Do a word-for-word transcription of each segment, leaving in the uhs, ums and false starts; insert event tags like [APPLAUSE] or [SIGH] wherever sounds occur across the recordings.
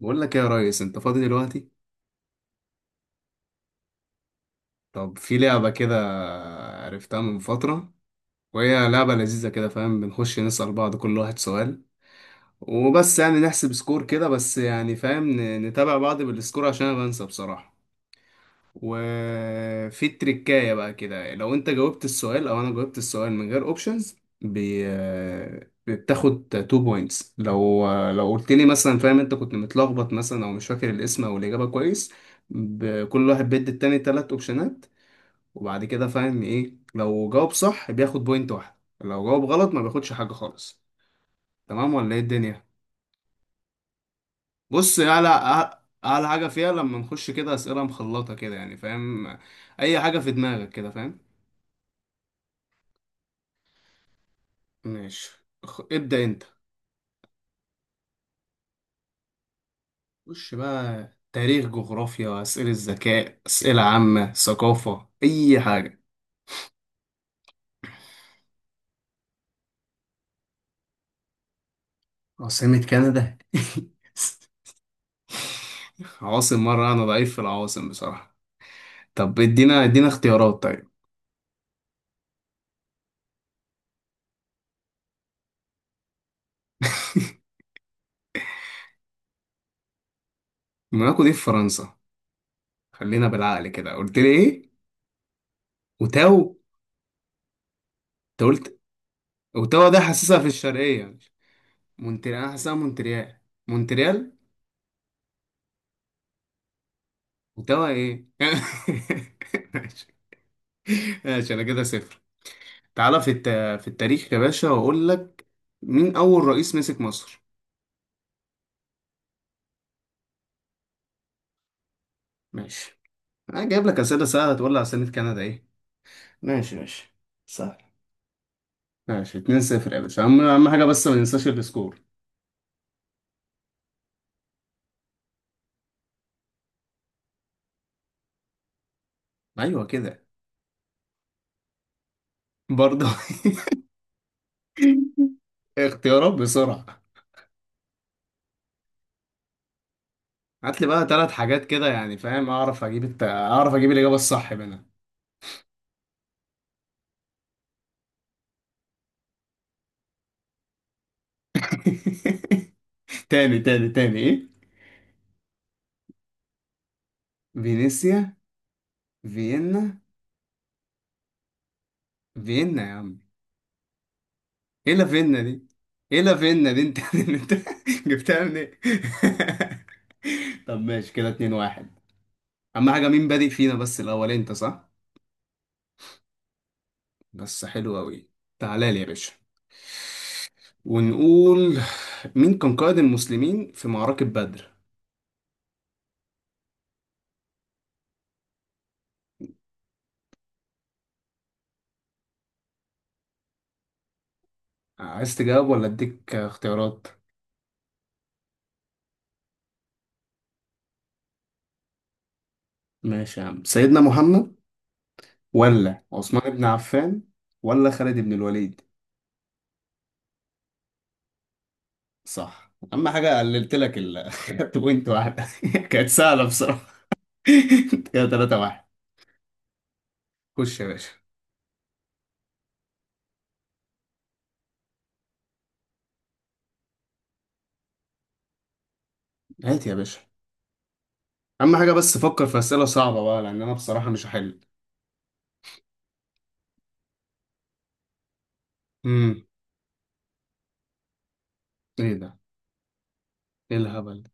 بقول لك إيه يا ريس، انت فاضي دلوقتي؟ طب في لعبة كده، عرفتها من فترة، وهي لعبة لذيذة كده، فاهم؟ بنخش نسأل بعض، كل واحد سؤال وبس، يعني نحسب سكور كده بس، يعني فاهم، ن- نتابع بعض بالسكور عشان انا بنسى بصراحة. وفي تريكاية بقى كده، لو انت جاوبت السؤال او انا جاوبت السؤال من غير اوبشنز بي... آه، بتاخد اتنين بوينتس، لو لو قلت لي مثلا، فاهم، انت كنت متلخبط مثلا او مش فاكر الاسم او الاجابة كويس، ب... كل واحد بيدي التاني تلات اوبشنات، وبعد كده فاهم ايه، لو جاوب صح بياخد بوينت واحدة، لو جاوب غلط ما بياخدش حاجة خالص. تمام ولا ايه الدنيا؟ بص، اعلى اعلى حاجة فيها لما نخش كده اسئلة مخلطة كده، يعني فاهم، اي حاجة في دماغك كده، فاهم؟ ماشي، خ- ابدأ انت. خش بقى تاريخ، جغرافيا، أسئلة ذكاء، أسئلة عامة، ثقافة، أي حاجة. عاصمة كندا؟ [LAUGHS] عواصم؟ مرة أنا ضعيف في العواصم بصراحة. طب ادينا ادينا اختيارات طيب. [LAUGHS] موناكو دي في فرنسا، خلينا بالعقل كده. قلت لي ايه؟ وتاو؟ انت قلت وتاو، ده حاسسها في الشرقية. مونتريال، أنا حاسسها مونتريال، مونتريال. وتاو ايه؟ [LAUGHS] ماشي ماشي، أنا كده صفر. تعالى في الت... في التاريخ يا باشا، واقول لك مين اول رئيس مسك مصر؟ ماشي، انا جايب لك اسئله سهله، تقول لي على سنه كندا ايه! ماشي ماشي، سهل. ماشي، اتنين صفر يا باشا. اهم اهم حاجه بس، ما ننساش السكور. ايوه كده، برضه. [LAUGHS] اختيارات بسرعه. هات لي بقى ثلاث حاجات كده، يعني فاهم، اعرف اجيب الت... اعرف اجيب الاجابه الصح منها. [LAUGHS] تاني تاني تاني، ايه؟ فينيسيا، فيينا. فيينا يا عم. ايه لافينا دي؟ ايه لافينا دي انت؟ [LAUGHS] انت جبتها من ايه؟ [LAUGHS] طب ماشي، كده اتنين واحد. اهم حاجة، مين بادئ فينا بس الاول؟ انت صح؟ بس حلو اوي. تعالى لي يا باشا، ونقول مين كان قائد المسلمين في معركة بدر؟ عايز تجاوب ولا اديك اختيارات؟ ماشي يا عم، سيدنا محمد، ولا عثمان بن عفان، ولا خالد بن الوليد؟ صح، اهم حاجة قللت لك ال [LAUGHS] بوينت واحدة، [LAUGHS] كانت سهلة بصراحة. [LAUGHS] كده تلاتة واحد. خش يا باشا. هات يا باشا. أهم حاجة بس فكر في أسئلة صعبة بقى، لأن أنا بصراحة مش هحل. امم إيه ده؟ إيه الهبل ده؟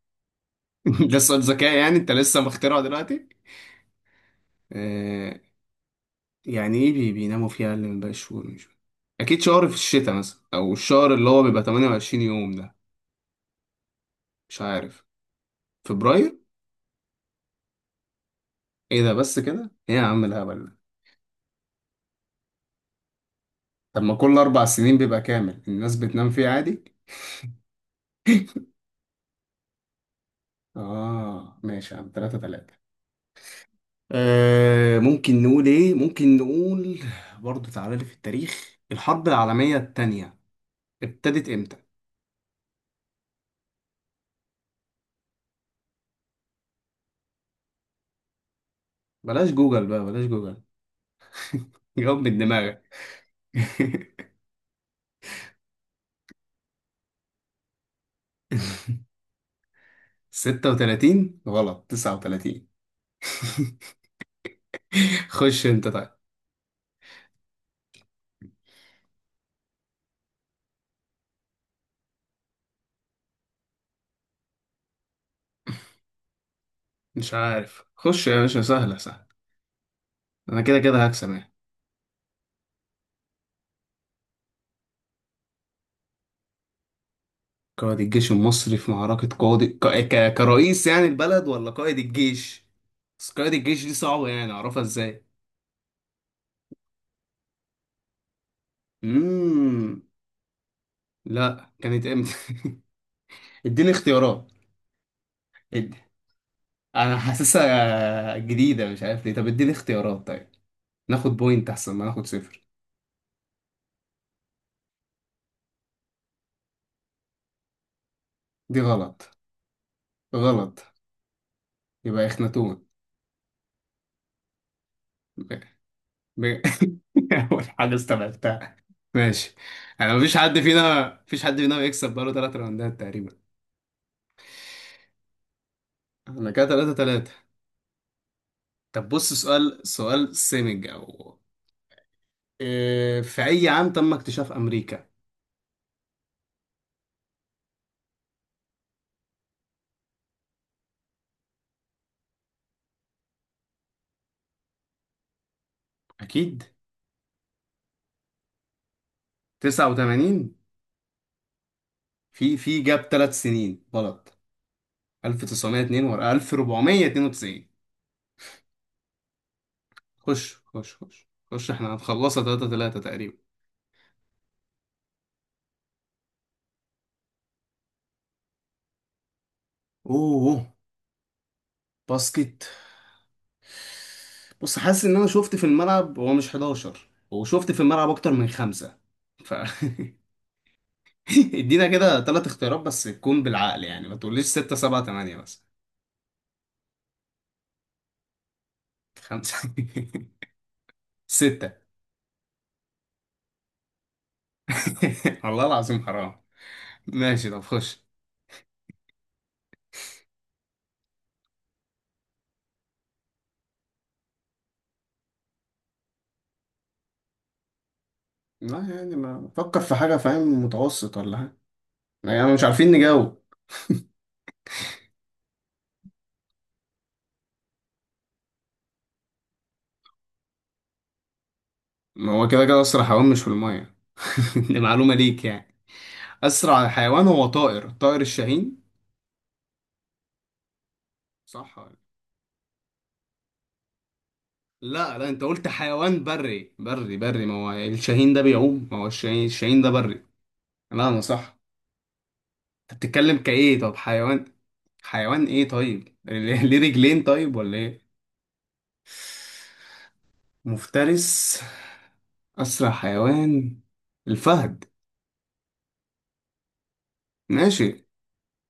[LAUGHS] ده سؤال ذكاء يعني؟ أنت لسه مخترعه دلوقتي؟ آه، يعني إيه بي بيناموا فيها أقل من باقي الشهور؟ مش أكيد شهر في الشتاء مثلا، أو الشهر اللي هو بيبقى تمنية وعشرين يوم ده؟ مش عارف. فبراير؟ إيه ده بس كده؟ إيه يا عم الهبل ده؟ طب ما كل أربع سنين بيبقى كامل، الناس بتنام فيه عادي؟ [LAUGHS] آه ماشي يا عم، تلاتة تلاتة. آه ممكن نقول ايه، ممكن نقول، برضه تعالى لي في التاريخ، الحرب العالمية التانية ابتدت امتى؟ بلاش جوجل بقى، بلاش جوجل. [LAUGHS] جاوب من دماغك. [LAUGHS] ستة وتلاتين غلط، تسعة وتلاتين. [LAUGHS] خش انت طيب. مش عارف، خش يا باشا، سهلة سهلة، انا كده كده هكسب يعني. قائد الجيش المصري في معركة، قائد ك... ك... كرئيس يعني البلد، ولا قائد الجيش؟ بس قائد الجيش دي صعبة، يعني اعرفها ازاي؟ مم. لا، كانت امتى؟ [LAUGHS] اديني اختيارات. ادي. انا حاسسها جديدة، مش عارف ليه. طب اديني اختيارات طيب، ناخد بوينت احسن ما ناخد صفر. دي غلط. غلط. يبقى اخناتون. ب... ب... [LAUGHS] اول حاجة استبعدتها. ماشي. انا مفيش حد فينا مفيش حد فينا بيكسب بقاله ثلاث راوندات تقريبا. انا كده ثلاثة ثلاثة. طب بص، سؤال سؤال سيمج او إيه... في اي عام تم اكتشاف امريكا؟ اكيد تسعة وتمانين. في في جاب ثلاث سنين غلط، ألف وتسعمية واتنين ورا ألف واربعمية اتنين وتسعين. خش خش خش خش، احنا هنخلصها تلاتة تلاتة تقريبا. اوه، باسكت. بص، حاسس ان انا شفت في الملعب هو مش حداشر، وشفت في الملعب اكتر من خمسة، ف [LAUGHS] ادينا كده ثلاث اختيارات بس تكون بالعقل، يعني ما تقوليش ستة سبعة تمانية بس. خمسة، [LAUGHS] ستة. [LAUGHS] والله العظيم حرام. ماشي طب خش. لا يعني، ما فكر في حاجة، فاهم، متوسط ولا حاجة، يعني مش عارفين نجاوب. ما هو كده كده أسرع حيوان مش في المية. [LAUGHS] دي معلومة ليك يعني. أسرع حيوان هو طائر، طائر الشاهين. صح ولا؟ لا لا، أنت قلت حيوان، بري بري بري، ما هو الشاهين ده بيعوم، ما هو الشاهين، الشاهين ده بري. لا أنا صح. أنت بتتكلم كإيه؟ طب حيوان، حيوان إيه طيب؟ [LAUGHS] ليه، ليه رجلين طيب ولا إيه؟ مفترس. أسرع حيوان الفهد. ماشي.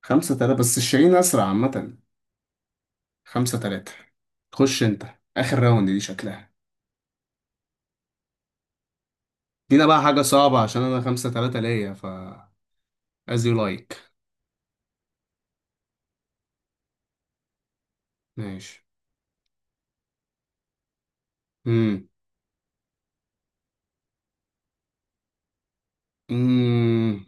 خمسة تلاتة، بس الشاهين أسرع عامة. خمسة تلاتة. خش انت، اخر راوند دي شكلها. دينا بقى حاجة صعبة عشان انا خمسة تلاتة ليا، ف as you like. ماشي. امم امم،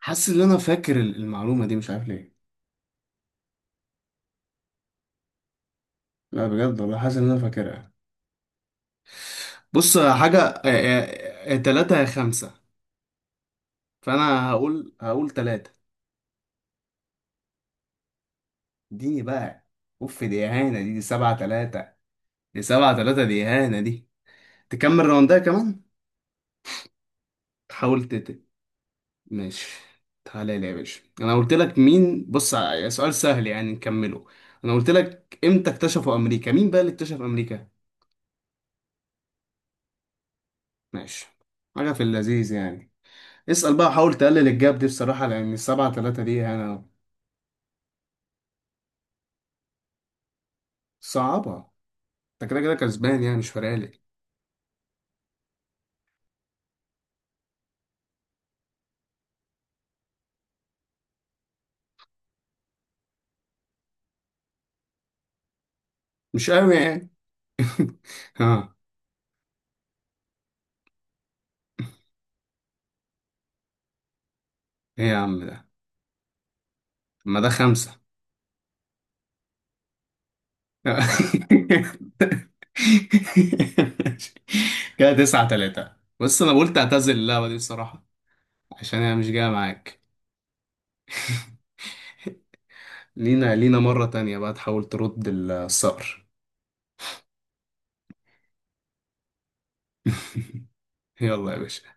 حاسس ان انا فاكر ال- المعلومة دي، مش عارف ليه. لا بجد والله حاسس ان انا فاكرها. بص، حاجة آه، آه، آه، تلاتة يا خمسة، فانا هقول هقول تلاتة. اديني بقى. اوف، دي اهانة دي، دي سبعة تلاتة. دي سبعة تلاتة دي اهانة دي. تكمل راوندها كمان. تحاول. ماشي. تعالى لي يا باشا، انا قلت لك مين، بص، ع- سؤال سهل يعني نكمله، انا قلت لك امتى اكتشفوا امريكا. مين بقى اللي اكتشف امريكا؟ ماشي. حاجه في اللذيذ يعني. اسال بقى، حاول تقلل الجاب دي بصراحه، لان السبعة تلاتة دي انا. صعبه. انت كده كده كسبان، يعني مش فارق لي. مش قوي يعني. [LAUGHS] ها. ايه يا عم ده؟ ما ده خمسة. [LAUGHS] كده تسعة تلاتة. بس انا قلت اعتزل اللعبه دي بصراحه، عشان هي مش جاية معاك. لينا لينا مرة تانية بقى، تحاول ترد الثأر. يلا يا باشا.